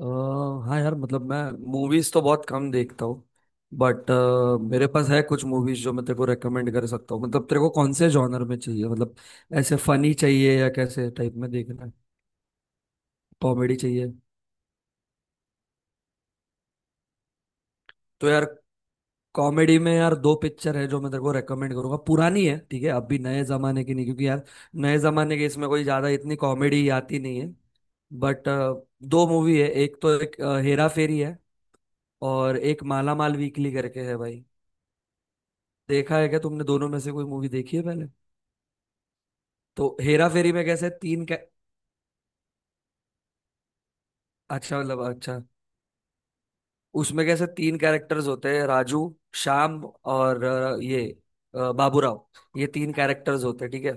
अ, हाँ यार, मतलब मैं मूवीज तो बहुत कम देखता हूँ। बट मेरे पास है कुछ मूवीज जो मैं तेरे को रेकमेंड कर सकता हूँ। मतलब तेरे को कौन से जॉनर में चाहिए, मतलब ऐसे फनी चाहिए या कैसे टाइप में देखना है? कॉमेडी चाहिए। तो यार, कॉमेडी में यार दो पिक्चर है जो मैं तेरे को रेकमेंड करूंगा। पुरानी है, ठीक है, अभी नए जमाने की नहीं, क्योंकि यार नए जमाने के इसमें कोई ज्यादा इतनी कॉमेडी आती नहीं है। बट दो मूवी है। एक तो एक हेरा फेरी है, और एक माला माल वीकली करके है भाई। देखा है क्या तुमने, दोनों में से कोई मूवी देखी है पहले? तो हेरा फेरी में कैसे तीन कै अच्छा, मतलब अच्छा, उसमें कैसे तीन कैरेक्टर्स होते हैं: राजू, श्याम और ये बाबूराव। ये तीन कैरेक्टर्स होते हैं, ठीक है।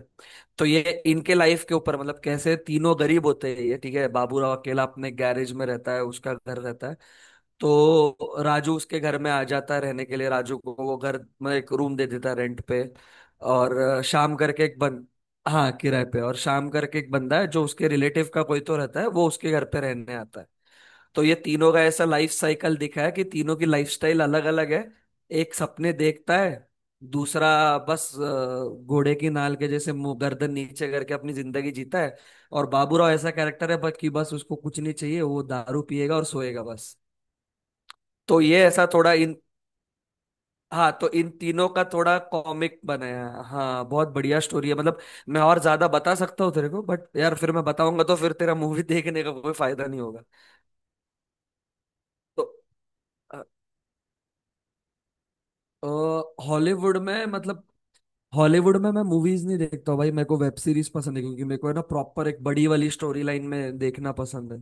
तो ये, इनके लाइफ के ऊपर, मतलब कैसे तीनों गरीब होते हैं ये, ठीक है। बाबूराव अकेला अपने गैरेज में रहता है, उसका घर रहता है। तो राजू उसके घर में आ जाता है रहने के लिए, राजू को वो घर में एक रूम दे देता है रेंट पे। और अ, शाम करके एक बन हाँ, किराए पे। और शाम करके एक बंदा है जो उसके रिलेटिव का कोई तो रहता है, वो उसके घर पे रहने आता है। तो ये तीनों का ऐसा लाइफ साइकिल दिखा है कि तीनों की लाइफस्टाइल अलग अलग है। एक सपने देखता है, दूसरा बस घोड़े की नाल के जैसे मुंह गर्दन नीचे करके अपनी जिंदगी जीता है। और बाबूराव ऐसा कैरेक्टर है, बस कि बस उसको कुछ नहीं चाहिए, वो दारू पिएगा और सोएगा बस। तो ये ऐसा थोड़ा इन हाँ, तो इन तीनों का थोड़ा कॉमिक बनाया है। हाँ, बहुत बढ़िया स्टोरी है मतलब। मैं और ज्यादा बता सकता हूँ तेरे को, बट यार फिर मैं बताऊंगा तो फिर तेरा मूवी देखने का कोई फायदा नहीं होगा। तो हॉलीवुड में, मतलब हॉलीवुड में मैं मूवीज नहीं देखता हूँ भाई, मेरे को वेब सीरीज पसंद है, क्योंकि मेरे को है ना प्रॉपर एक बड़ी वाली स्टोरी लाइन में देखना पसंद है।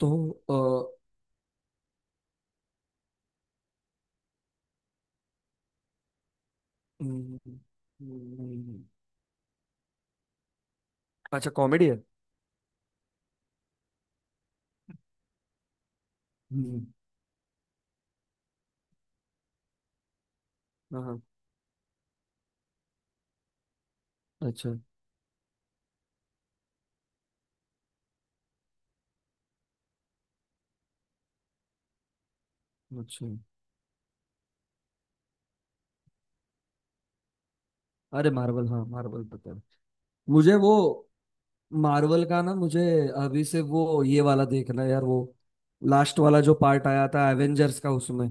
तो अ, हम्म। हम्म। अच्छा, कॉमेडी है। हम्म। हाँ हाँ। अच्छा, अच्छा। अरे मार्वल, हाँ मार्वल पता है। मुझे वो मार्वल का ना, मुझे अभी से वो ये वाला देखना है यार, वो लास्ट वाला जो पार्ट आया था एवेंजर्स का उसमें।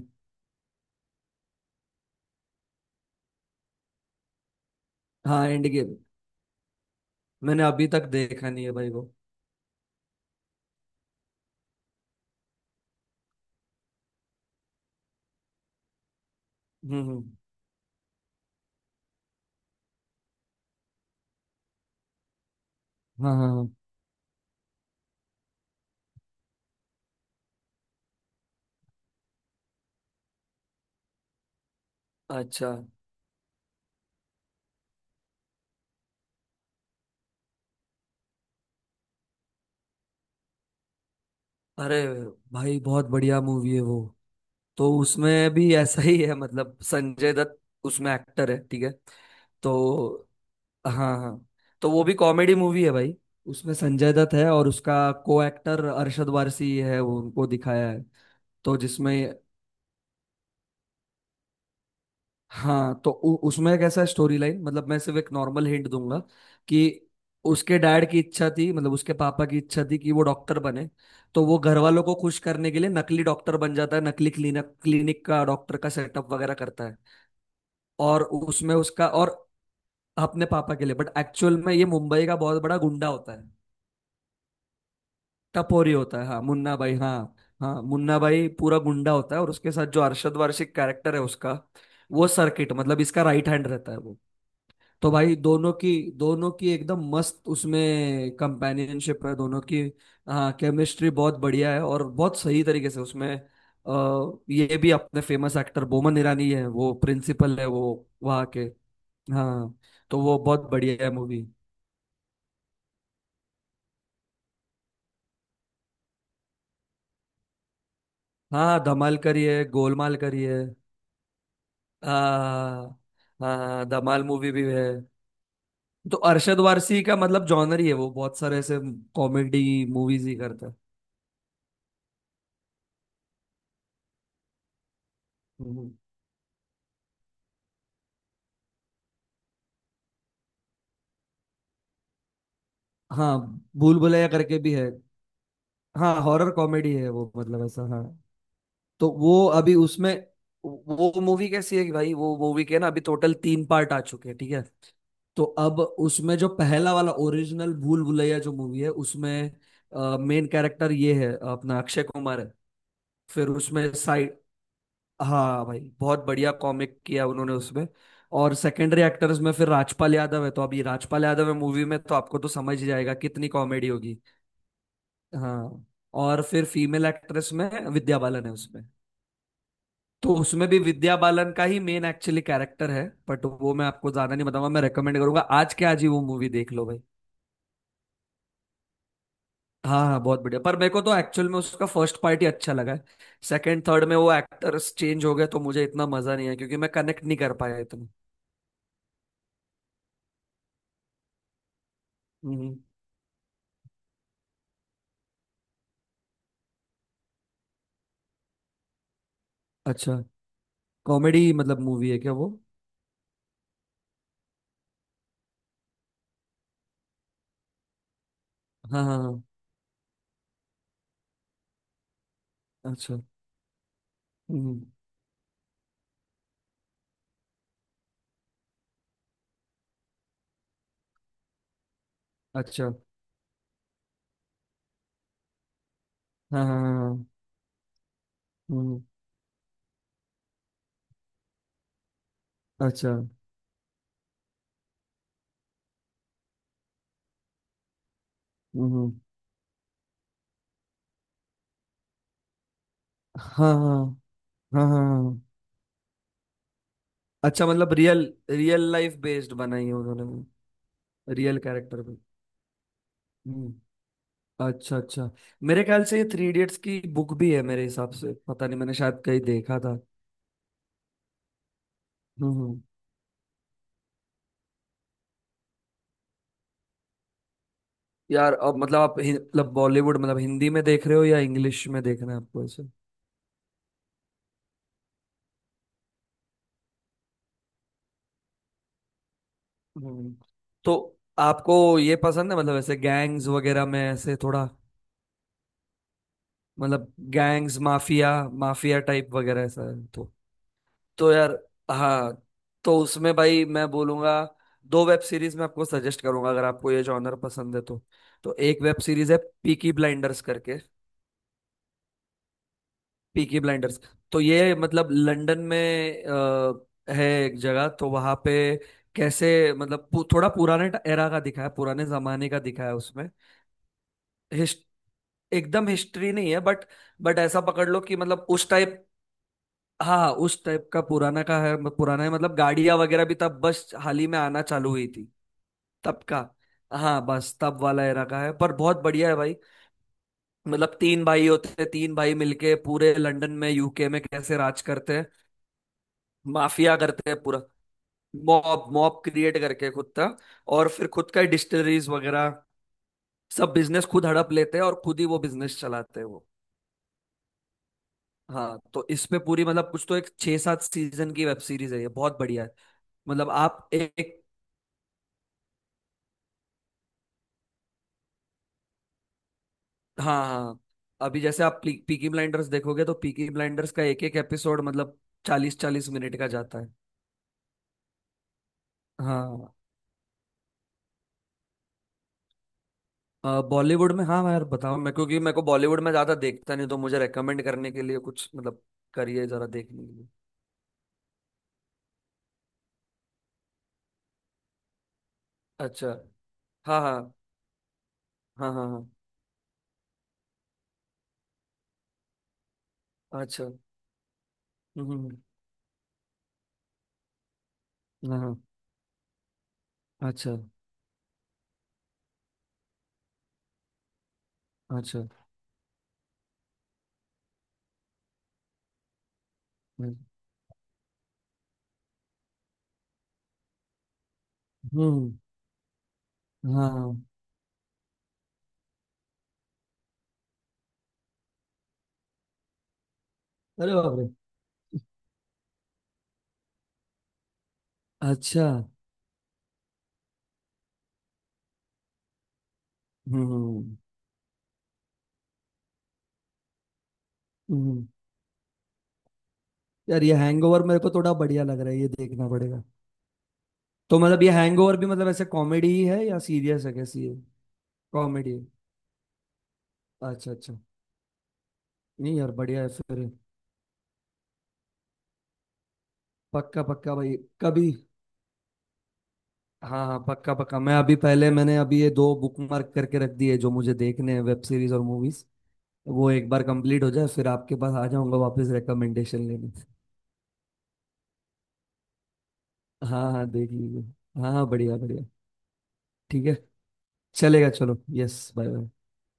हाँ, एंड गेम। मैंने अभी तक देखा नहीं है भाई वो। हम्म। हाँ हाँ हाँ। अच्छा। अरे भाई, बहुत बढ़िया मूवी है वो। तो उसमें भी ऐसा ही है, मतलब संजय दत्त उसमें एक्टर है, ठीक है। तो हाँ हाँ। तो वो भी कॉमेडी मूवी है भाई, उसमें संजय दत्त है और उसका को एक्टर अरशद वारसी है, वो उनको दिखाया है। तो जिसमें हाँ, तो उसमें कैसा स्टोरी लाइन, मतलब मैं सिर्फ एक नॉर्मल हिंट दूंगा कि उसके डैड की इच्छा थी, मतलब उसके पापा की इच्छा थी कि वो डॉक्टर बने। तो वो घर वालों को खुश करने के लिए नकली डॉक्टर बन जाता है, नकली क्लिनिक क्लिनिक का डॉक्टर का सेटअप वगैरह करता है। और उसमें उसका और अपने पापा के लिए, बट एक्चुअल में ये मुंबई का बहुत बड़ा गुंडा होता है। टपोरी होता है, हाँ मुन्ना भाई, हाँ। हाँ, मुन्ना भाई पूरा गुंडा होता है, और उसके साथ जो अरशद वारशिक कैरेक्टर है उसका, वो सर्किट, मतलब इसका राइट हैंड रहता है वो। तो भाई, दोनों की एकदम मस्त उसमें कंपेनियनशिप है दोनों की। हाँ, केमिस्ट्री बहुत बढ़िया है, और बहुत सही तरीके से उसमें ये भी अपने फेमस एक्टर बोमन ईरानी है, वो प्रिंसिपल है वो वहाँ के। हाँ, तो वो बहुत बढ़िया है मूवी। हाँ, धमाल करी है, गोलमाल करी है। हाँ हाँ, धमाल मूवी भी है। तो अरशद वारसी का मतलब जॉनर ही है वो, बहुत सारे ऐसे कॉमेडी मूवीज ही करता है। हम्म। हाँ, भूल भुलैया करके भी है। हाँ, हॉरर कॉमेडी है वो मतलब, ऐसा हाँ। तो वो अभी उसमें, वो मूवी कैसी है कि भाई, वो मूवी के ना अभी टोटल तीन पार्ट आ चुके हैं, ठीक है। तो अब उसमें जो पहला वाला ओरिजिनल भूल भुलैया जो मूवी है उसमें, मेन कैरेक्टर ये है, अपना अक्षय कुमार है। फिर उसमें साइड हाँ भाई, बहुत बढ़िया कॉमिक किया उन्होंने उसमें। और सेकेंडरी एक्टर्स में फिर राजपाल यादव है, तो अभी राजपाल यादव है मूवी में तो आपको तो समझ ही जाएगा कितनी कॉमेडी होगी। हाँ। और फिर फीमेल एक्ट्रेस में विद्या बालन है उसमें, तो उसमें भी विद्या बालन का ही मेन एक्चुअली कैरेक्टर है। बट वो मैं आपको ज्यादा नहीं बताऊंगा, मैं रेकमेंड करूंगा आज के आज ही वो मूवी देख लो भाई। हाँ हाँ, बहुत बढ़िया, पर मेरे को तो एक्चुअल में उसका फर्स्ट पार्ट ही अच्छा लगा है। सेकंड थर्ड में वो एक्टर्स चेंज हो गए तो मुझे इतना मजा नहीं आया क्योंकि मैं कनेक्ट नहीं कर पाया इतना। हम्म। अच्छा, कॉमेडी मतलब मूवी है क्या वो? हाँ हाँ हाँ। अच्छा, हम्म। अच्छा, हाँ हाँ हाँ हाँ, हम्म। अच्छा, हम्म। हाँ हाँ हाँ हाँ हाँ। अच्छा, मतलब रियल, लाइफ बेस्ड बनाई है उन्होंने। रियल कैरेक्टर पे। हम्म। अच्छा, अच्छा। मेरे ख्याल से ये थ्री इडियट्स की बुक भी है मेरे हिसाब से, पता नहीं मैंने शायद कहीं देखा था। हम्म हम्म। यार अब मतलब आप मतलब बॉलीवुड, मतलब हिंदी में देख रहे हो या इंग्लिश में देख रहे हैं आपको ऐसे? हम्म। तो आपको ये पसंद है, मतलब ऐसे गैंग्स वगैरह में ऐसे थोड़ा, मतलब गैंग्स माफिया, माफिया टाइप वगैरह ऐसा है तो। तो यार, हाँ, तो उसमें भाई मैं बोलूंगा, दो वेब सीरीज मैं आपको सजेस्ट करूंगा अगर आपको ये जॉनर पसंद है तो। तो एक वेब सीरीज है पीकी ब्लाइंडर्स करके। पीकी ब्लाइंडर्स, तो ये मतलब लंदन में है एक जगह, तो वहां पे कैसे, मतलब थोड़ा पुराने एरा का दिखा है, पुराने जमाने का दिखा है उसमें। हिस्ट एकदम हिस्ट्री नहीं है बट ऐसा पकड़ लो कि मतलब उस टाइप। हाँ, उस टाइप का पुराना का है पुराना है, मतलब गाड़ियां वगैरह भी तब बस हाल ही में आना चालू हुई थी। तब का। हाँ बस, तब वाला एरा का है पर बहुत बढ़िया है भाई। मतलब तीन भाई होते हैं, तीन भाई मिलके पूरे लंदन में, यूके में कैसे राज करते हैं, माफिया करते हैं पूरा। मॉब मॉब क्रिएट करके खुद का, और फिर खुद का डिस्टलरीज वगैरह, सब बिजनेस खुद हड़प लेते हैं और खुद ही वो बिजनेस चलाते हैं वो। हाँ, तो इस पे पूरी मतलब कुछ तो एक छह सात सीजन की वेब सीरीज है ये, बहुत बढ़िया है। मतलब आप एक, हाँ हाँ। अभी जैसे आप पीकी ब्लाइंडर्स देखोगे तो पीकी ब्लाइंडर्स का एक एक एपिसोड मतलब 40-40 मिनट का जाता है। हाँ, बॉलीवुड में, हाँ यार बताओ मैं, क्योंकि मेरे को बॉलीवुड में ज्यादा देखता नहीं, तो मुझे रेकमेंड करने के लिए कुछ मतलब करिए जरा देखने के लिए। अच्छा। हाँ हाँ हाँ हाँ हाँ। अच्छा, हम्म। हम्म। हम्म। हाँ हाँ। अच्छा, अच्छा। हम्म। हम्म, हाँ हाँ। अरे बाप रे। अच्छा, हम्म। हम्म। हम्म। यार ये हैंगओवर मेरे को थोड़ा बढ़िया लग रहा है, ये देखना पड़ेगा। तो मतलब ये हैंगओवर भी मतलब ऐसे कॉमेडी ही है या सीरियस है, कैसी है? कॉमेडी। अच्छा, अच्छा। नहीं यार, बढ़िया है फिर। पक्का पक्का भाई, कभी। हाँ हाँ, पक्का पक्का, मैं अभी पहले मैंने अभी ये दो बुक मार्क करके रख दिए जो मुझे देखने हैं, वेब सीरीज और मूवीज। वो एक बार कंप्लीट हो जाए, फिर आपके पास आ जाऊंगा वापस रिकमेंडेशन लेने। हाँ हाँ, देख लीजिए। हाँ हाँ, बढ़िया बढ़िया। ठीक है, चलेगा, चलो यस, बाय बाय।